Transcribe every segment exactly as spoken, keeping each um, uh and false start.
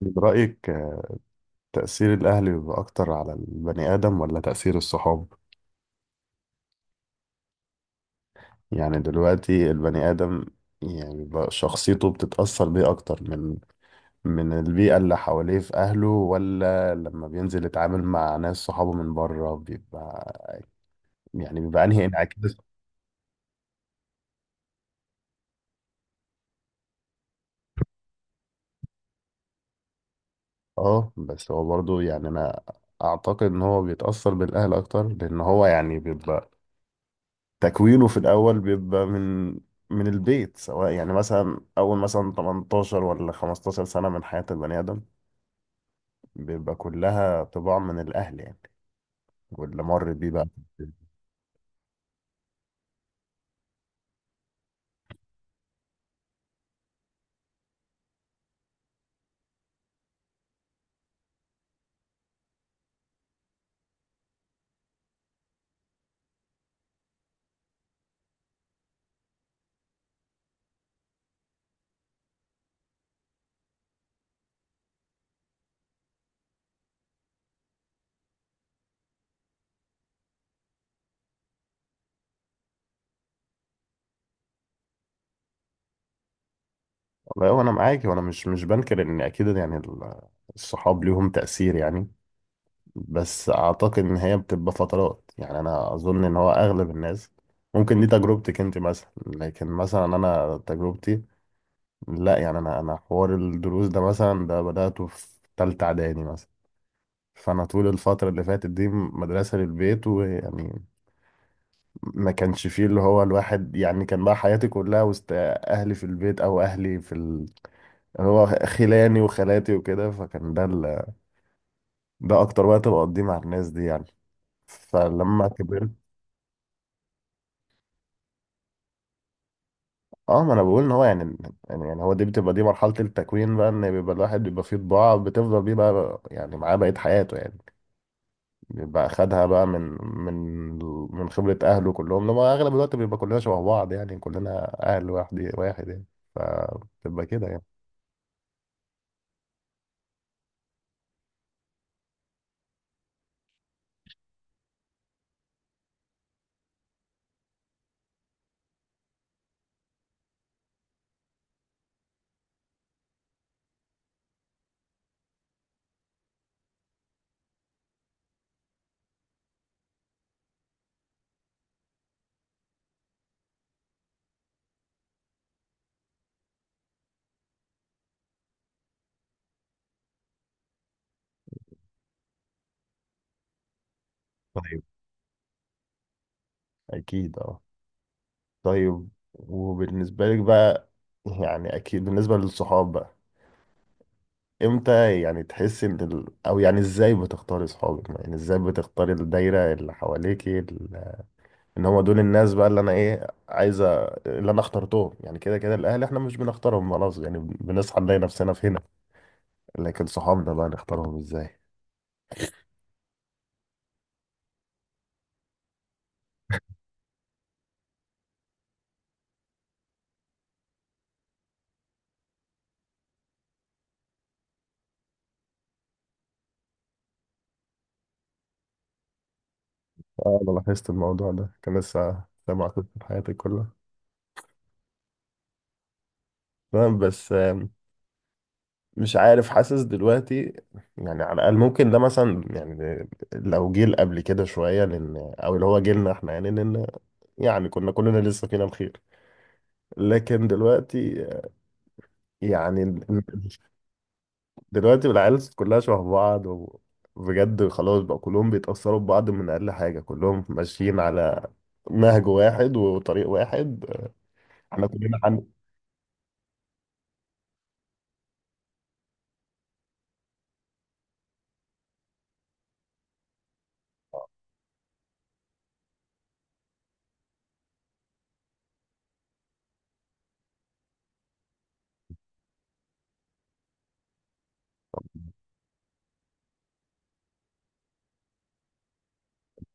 برأيك تأثير الأهل بيبقى أكتر على البني آدم ولا تأثير الصحاب؟ يعني دلوقتي البني آدم يعني بيبقى شخصيته بتتأثر بيه أكتر من من البيئة اللي حواليه في أهله، ولا لما بينزل يتعامل مع ناس صحابه من بره بيبقى يعني بيبقى أنهي انعكاس. اه، بس هو برضه يعني أنا أعتقد إن هو بيتأثر بالأهل أكتر، لأن هو يعني بيبقى تكوينه في الأول بيبقى من من البيت. سواء يعني مثلا أول مثلا تمنتاشر ولا 15 سنة من حياة البني آدم بيبقى كلها طباع من الأهل يعني، واللي مر بيه بقى. والله وأنا معاك، وأنا مش مش بنكر إن أكيد يعني ال- الصحاب ليهم تأثير يعني. بس أعتقد إن هي بتبقى فترات، يعني أنا أظن إن هو أغلب الناس ممكن دي تجربتك أنت مثلا، لكن مثلا أنا تجربتي لا. يعني أنا أنا حوار الدروس ده مثلا ده بدأته في تالتة إعدادي مثلا، فانا طول الفتره اللي فاتت دي مدرسه للبيت، ويعني ما كانش فيه اللي هو الواحد يعني. كان بقى حياتي كلها وسط اهلي في البيت، او اهلي في ال... اللي هو خلاني وخالاتي وكده، فكان ده ال... ده اكتر وقت بقضيه مع الناس دي يعني. فلما كبرت، اه، ما انا بقول ان هو يعني، يعني يعني هو دي بتبقى دي مرحله التكوين بقى، ان بيبقى الواحد بيبقى فيه طباع بتفضل بيه بقى يعني معاه بقيه حياته يعني. بيبقى خدها بقى من من من خبرة أهله كلهم، لما أغلب الوقت بيبقى كلنا شبه بعض يعني، كلنا أهل واحد واحد يعني، فبتبقى كده يعني. طيب، أكيد أه. طيب، وبالنسبة لك بقى، يعني أكيد بالنسبة للصحاب بقى، إمتى يعني تحس إن ال... أو يعني إزاي بتختاري صحابك؟ يعني إزاي بتختاري الدايرة اللي حواليكي ال... إن هما دول الناس بقى اللي أنا إيه عايزة، اللي أنا اخترتهم؟ يعني كده كده الأهل إحنا مش بنختارهم خلاص، يعني بنصحى نلاقي نفسنا في هنا، لكن صحابنا بقى نختارهم ازاي؟ اه، انا لاحظت الموضوع ده، كان لسه سامع قصة حياتي كلها. تمام، بس آم، مش عارف، حاسس دلوقتي يعني على الاقل ممكن ده مثلا، يعني لو جيل قبل كده شويه لان، او اللي هو جيلنا احنا يعني لان، يعني كنا كلنا لسه فينا الخير. لكن دلوقتي يعني ال- دلوقتي العيال كلها شبه بعض، وبجد خلاص بقى كلهم بيتاثروا ببعض من اقل حاجه، كلهم ماشيين على نهج واحد وطريق واحد. احنا كلنا عندك.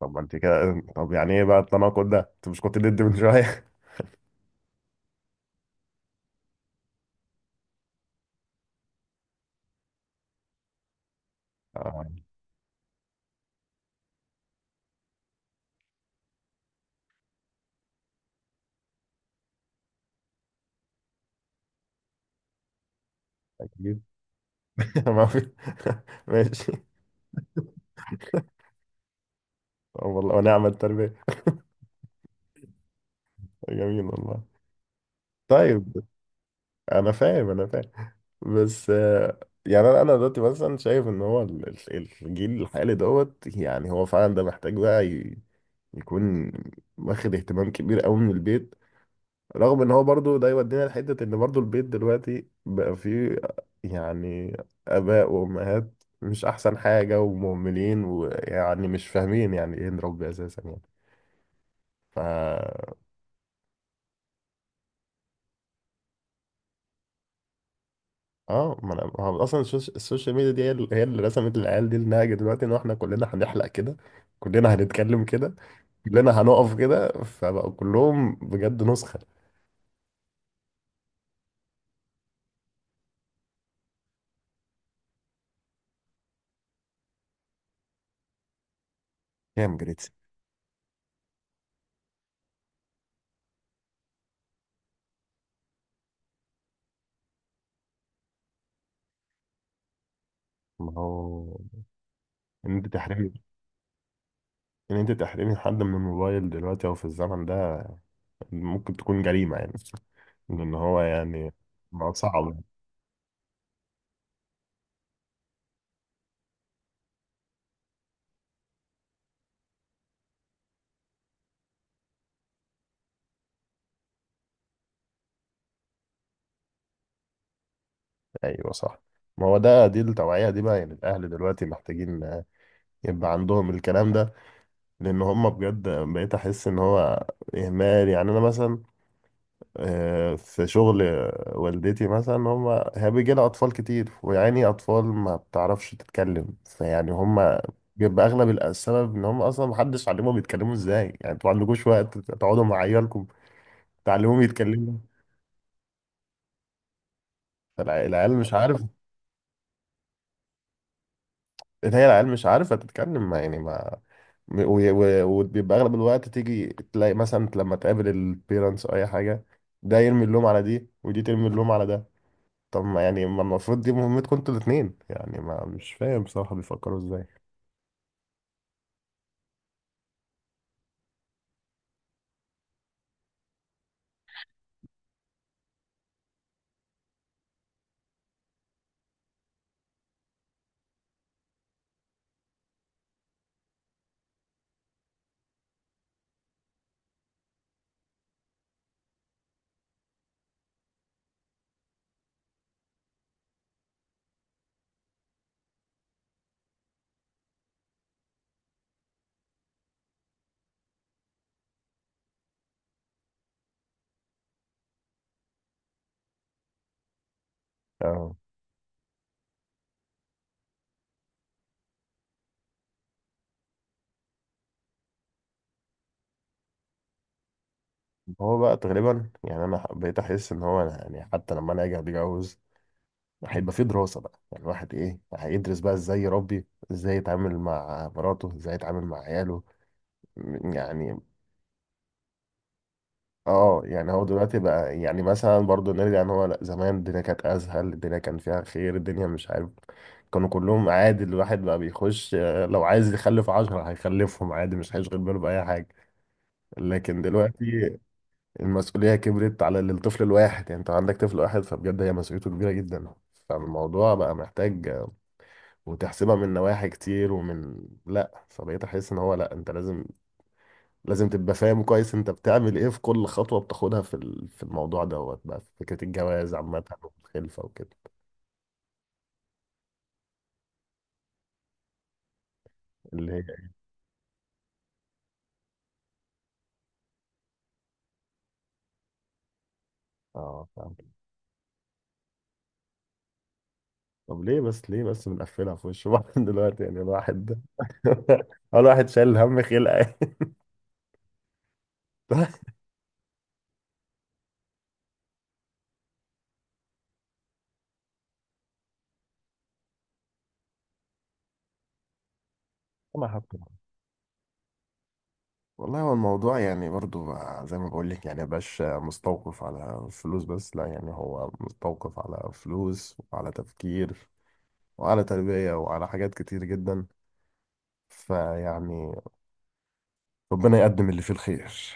طب ما انت كده، طب يعني ايه بقى التناقض ده، انت مش كنت ضد من شويه؟ آه، اكيد. ما في ماشي. طب والله ونعم التربيه، جميل والله. طيب، انا فاهم، انا فاهم، بس آه، يعني انا، أنا دلوقتي مثلا شايف ان هو ال- ال- الجيل الحالي دوت، يعني هو فعلا ده محتاج بقى ي- يكون واخد اهتمام كبير قوي من البيت. رغم ان هو برضو ده يودينا لحتة ان برضو البيت دلوقتي بقى فيه يعني اباء وامهات مش احسن حاجة، ومهملين، ويعني مش فاهمين يعني ايه نربي اساسا يعني. ف، اه، ما انا ما هو اصلا السوش- السوشيال ميديا دي هي اللي، هي اللي رسمت العيال دي النهج دلوقتي، ان احنا كلنا هنحلق كده، كلنا هنتكلم كده، كلنا هنقف كده، فبقوا كلهم بجد نسخة. كام جريتسي؟ ما هو ان انت تحرمي، ان انت تحرمي حد من الموبايل دلوقتي او في الزمن ده، ممكن تكون جريمة يعني، لأن هو يعني ما هو صعب. أيوه صح، ما هو ده، دي التوعية دي بقى يعني الأهل دلوقتي محتاجين آه، يبقى عندهم الكلام ده. لأن هم بجد بقيت أحس إن هو إهمال. يعني أنا مثلا آه، في شغل والدتي مثلا، هم، هي بيجي لها أطفال كتير، ويعني أطفال ما بتعرفش تتكلم، فيعني هم بيبقى أغلب الأ- السبب إن هم أصلا محدش علمهم يتكلموا إزاي. يعني أنتوا ما عندكوش وقت تقعدوا مع عيالكم تعلموهم يتكلموا؟ فالعيال مش عارف، إن هي العيال مش عارفة تتكلم ما يعني ما، م- و- و- وبيبقى أغلب الوقت تيجي تلاقي مثلا لما تقابل البيرنتس أو أي حاجة، ده يرمي اللوم على دي، ودي ترمي اللوم على ده. طب ما يعني ما المفروض دي مهمتكم انتوا الاتنين يعني، ما مش فاهم بصراحة بيفكروا ازاي. اه، هو بقى تقريبا يعني انا ح- بقيت احس ان هو أنا يعني حتى لما انا اجي اتجوز، هيبقى في دراسة بقى يعني الواحد ايه، هيدرس بقى ازاي يربي، ازاي يتعامل مع مراته، ازاي يتعامل مع عياله يعني. اه، يعني هو دلوقتي بقى يعني مثلا برضو نرجع، ان هو لا زمان الدنيا كانت اسهل، الدنيا كان فيها خير، الدنيا مش عارف، كانوا كلهم عادي، الواحد بقى بيخش آه، لو عايز يخلف عشرة هيخلفهم عادي، مش هيشغل باله بأي حاجة. لكن دلوقتي المسؤولية كبرت على الطفل الواحد، يعني انت عندك طفل واحد فبجد هي مسؤوليته كبيرة جدا. فالموضوع بقى محتاج آه، وتحسبها من نواحي كتير ومن لا، فبقيت احس ان هو لا، انت لازم، لازم تبقى فاهم كويس انت بتعمل ايه في كل خطوة بتاخدها في ال- في الموضوع دوت بقى، في فكرة الجواز عامة والخلفة وكده. اللي هي إيه؟ اه فاهم. طب ليه بس، ليه بس بنقفلها في وش بعض دلوقتي يعني الواحد اول واحد شايل هم خلقه. ما حكم. والله هو الموضوع يعني برضو زي ما بقول لك يعني مبقاش مستوقف على فلوس بس، لا يعني هو مستوقف على فلوس وعلى تفكير وعلى تربية وعلى حاجات كتير جدا. فيعني ربنا يقدم اللي فيه الخير.